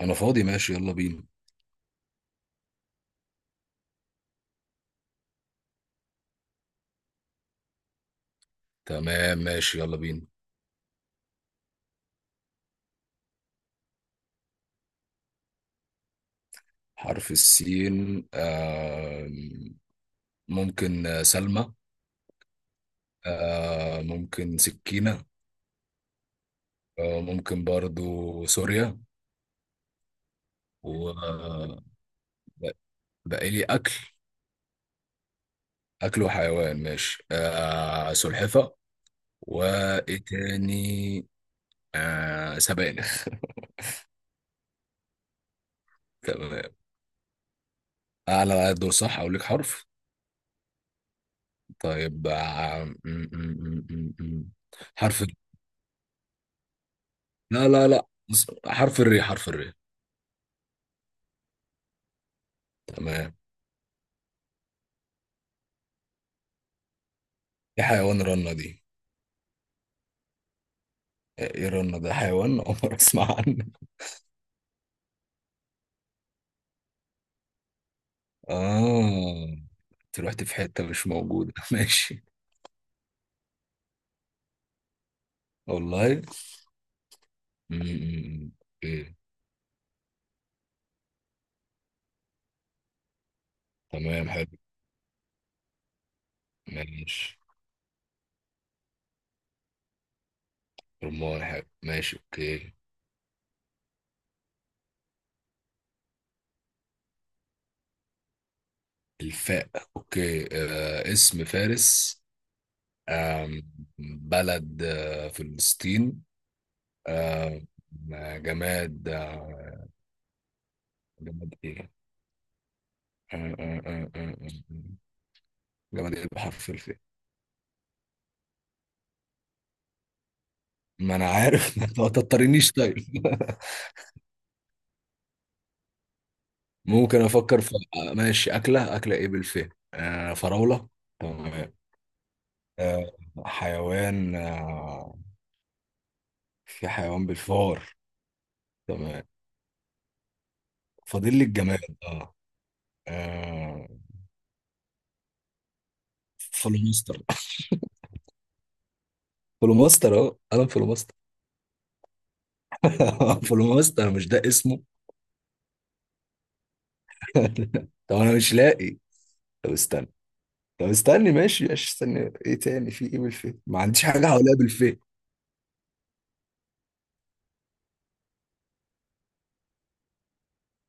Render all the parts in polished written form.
انا فاضي ماشي يلا بينا. تمام ماشي يلا بينا. حرف السين آه. ممكن سلمى. آه ممكن سكينة. آه ممكن برضو سوريا. و بقى لي اكل. اكل وحيوان ماشي سلحفة. وايه تاني؟ سبانخ تمام اعلى دور صح، اقول لك حرف. طيب، آه م- م- م- م- م. حرف لا لا لا، بص، حرف الري حرف الري. تمام. ايه حيوان رنة دي؟ ايه رنة ده حيوان عمر اسمع عنه. اه انت رحت في حتة مش موجودة ماشي. والله. م- م- م. اوكي. تمام حلو ماشي. رمان حلو ماشي اوكي. الفاء اوكي. اسم فارس. آه. بلد فلسطين. آه. جماد جماد ايه؟ آه. آه. آه. آه. آه. آه. جمال بحرف الف. ما انا عارف ما تضطرنيش طيب ممكن افكر في ماشي. اكله اكله ايه بالفه؟ فراوله. تمام. آه حيوان في حيوان بالفار. تمام فاضل لي الجماد اه. آه، فلوماستر فلوماستر اه انا فلوماستر. فلوماستر مش ده اسمه. طب انا مش لاقي. طب استنى. طب استنى ماشي ماشي. استنى ايه تاني؟ في ايه بالفه؟ ما عنديش حاجه حواليها بالفه.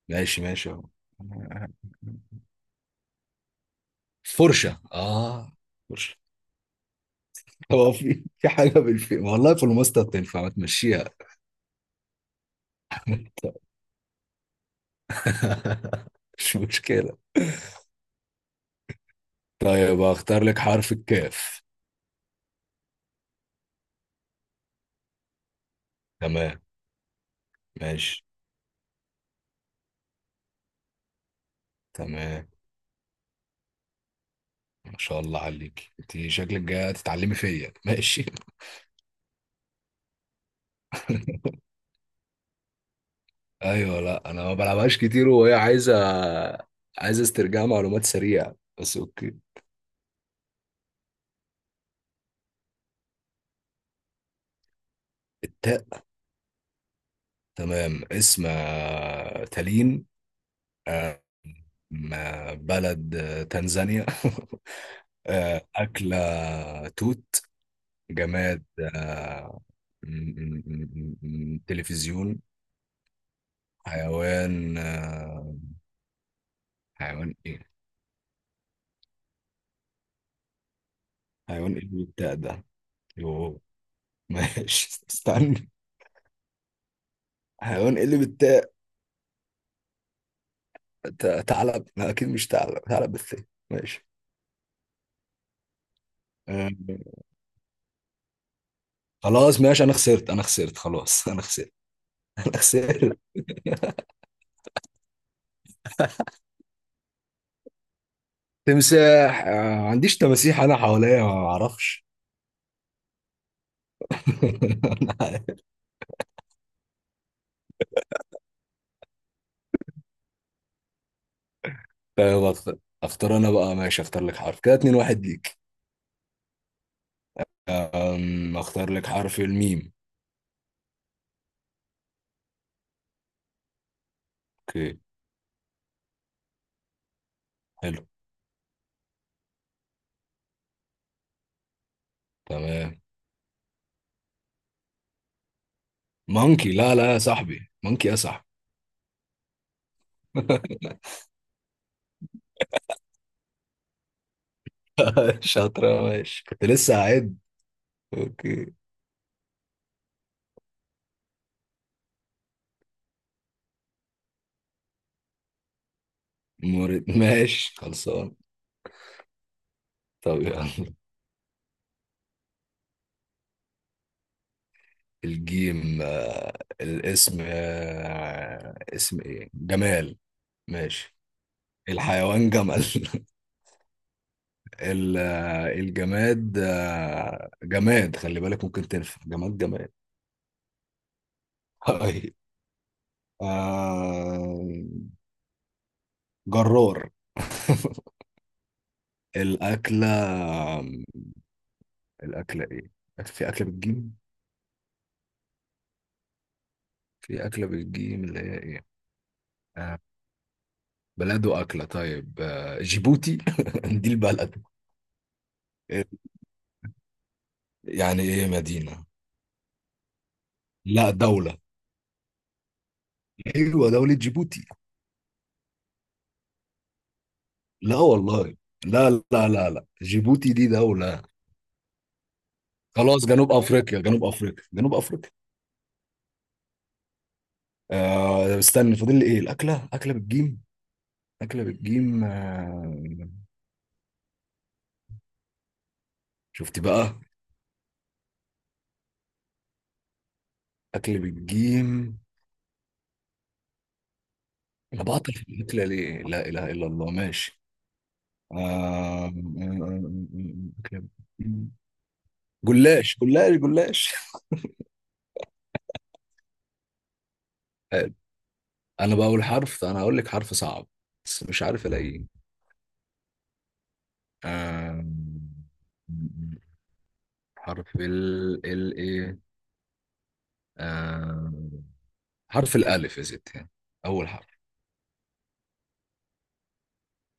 ماشي ماشي اهو. فرشة اه فرشة. هو في في حاجة بالفي والله؟ في الماستر تنفع، ما تمشيها؟ مش مشكلة. طيب اختار لك حرف الكاف. تمام ماشي تمام. ما شاء الله عليك، انت شكلك جاية تتعلمي فيا ماشي ايوه لا، انا ما بلعبهاش كتير، وهي عايزة عايزة استرجاع معلومات سريعة. بس اوكي. التاء تمام. اسم تالين. آه، بلد تنزانيا أكلة توت. جماد آه، تلفزيون. حيوان حيوان ايه؟ حيوان ايه اللي بالتاء ده؟ يوه ماشي استنى. حيوان ايه اللي بالتاء؟ ثعلب، لا اكيد مش ثعلب، ثعلب بالثاء. ماشي آه، خلاص ماشي. انا خسرت انا خسرت خلاص انا خسرت. انا خسرت. تمساح ما عنديش تماسيح، انا حواليا ما اعرفش. أنا عارف. فاهم. اختار انا بقى، ماشي، اختار لك حرف كده. اتنين واحد ليك. اختار لك حرف الميم. اوكي. حلو. تمام. مونكي؟ لا لا يا صاحبي، مونكي يا صاحبي. شاطرة ماشي، كنت لسه هعد. اوكي مورد ماشي خلصان. طب يلا. الجيم الاسم اسم ايه؟ جمال. ماشي. الحيوان جمل ال- الجماد جماد خلي بالك، ممكن تنفع جماد جماد. طيب آه، جرار الأكلة الأكلة إيه؟ في أكلة بالجيم؟ في أكلة بالجيم اللي هي إيه؟ آه، بلد وأكلة طيب. جيبوتي دي البلد. آه، يعني إيه مدينة؟ لا دولة. أيوة دولة جيبوتي. لا والله. لا لا لا لا، جيبوتي دي دولة. خلاص جنوب أفريقيا جنوب أفريقيا جنوب أفريقيا. آه استنى، فاضل لي ايه؟ الاكله، اكله بالجيم. اكله بالجيم شفت بقى. اكل بالجيم. انا بعطل في الاكله ليه؟ لا اله الا الله، ماشي. آه آه، آه، أكلة بالجيم. جلاش جلاش جلاش. حلو. انا هقول لك حرف صعب بس مش عارف الاقيه. آه حرف ال ايه؟ آه حرف الالف يا ستي. اول حرف.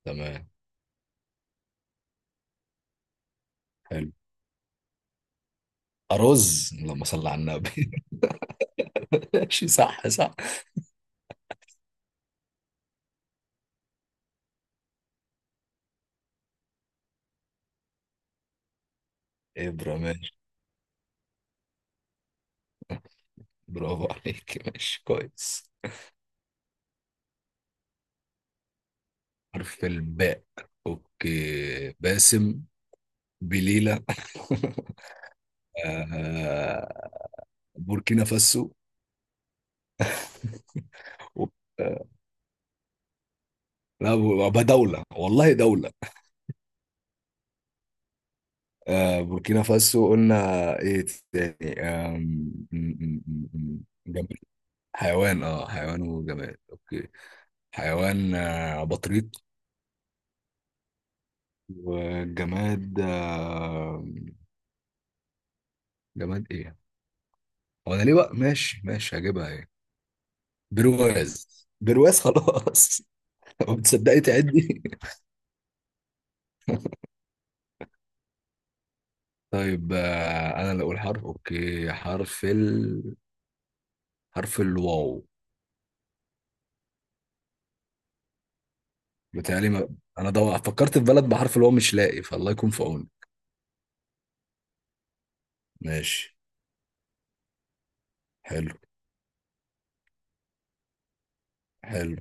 تمام حلو. أرز اللهم صل على النبي ماشي صح صح. إبرة ماشي. برافو عليك، ماشي كويس. حرف الباء أوكي. باسم. بليلة. آه، بوركينا فاسو. آه، لا، بقى دولة والله، دولة. بوركينا فاسو قلنا. إيه تاني؟ جماد، حيوان اه حيوان وجماد أوكي. حيوان بطريق. وجماد. جماد ايه؟ هو انا ليه بقى؟ ماشي ماشي هجيبها ايه؟ برواز برواز خلاص. طب تصدقي تعدي. طيب انا اللي اقول حرف. اوكي، حرف الواو. بتهيألي ما... فكرت في بلد بحرف الواو مش لاقي، فالله يكون في عوني. ماشي حلو حلو.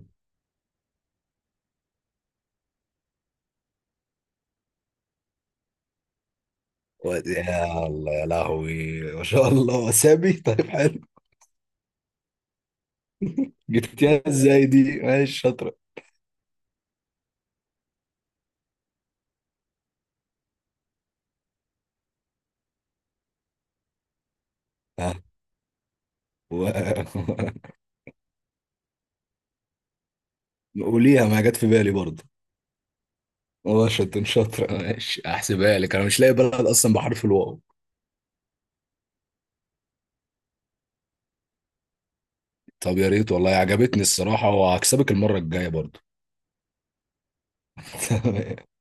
يا الله، يا لهوي، ما شاء الله، وسامي طيب حلو. جبتيها ازاي دي؟ ماشي شاطرة. ها و... قوليها، ما جت في بالي برضه. واشنطن شاطرة، ماشي احسبها لك، انا مش لاقي بلد اصلا بحرف الواو. طب يا ريت والله، عجبتني الصراحة، وهكسبك المرة الجاية برضو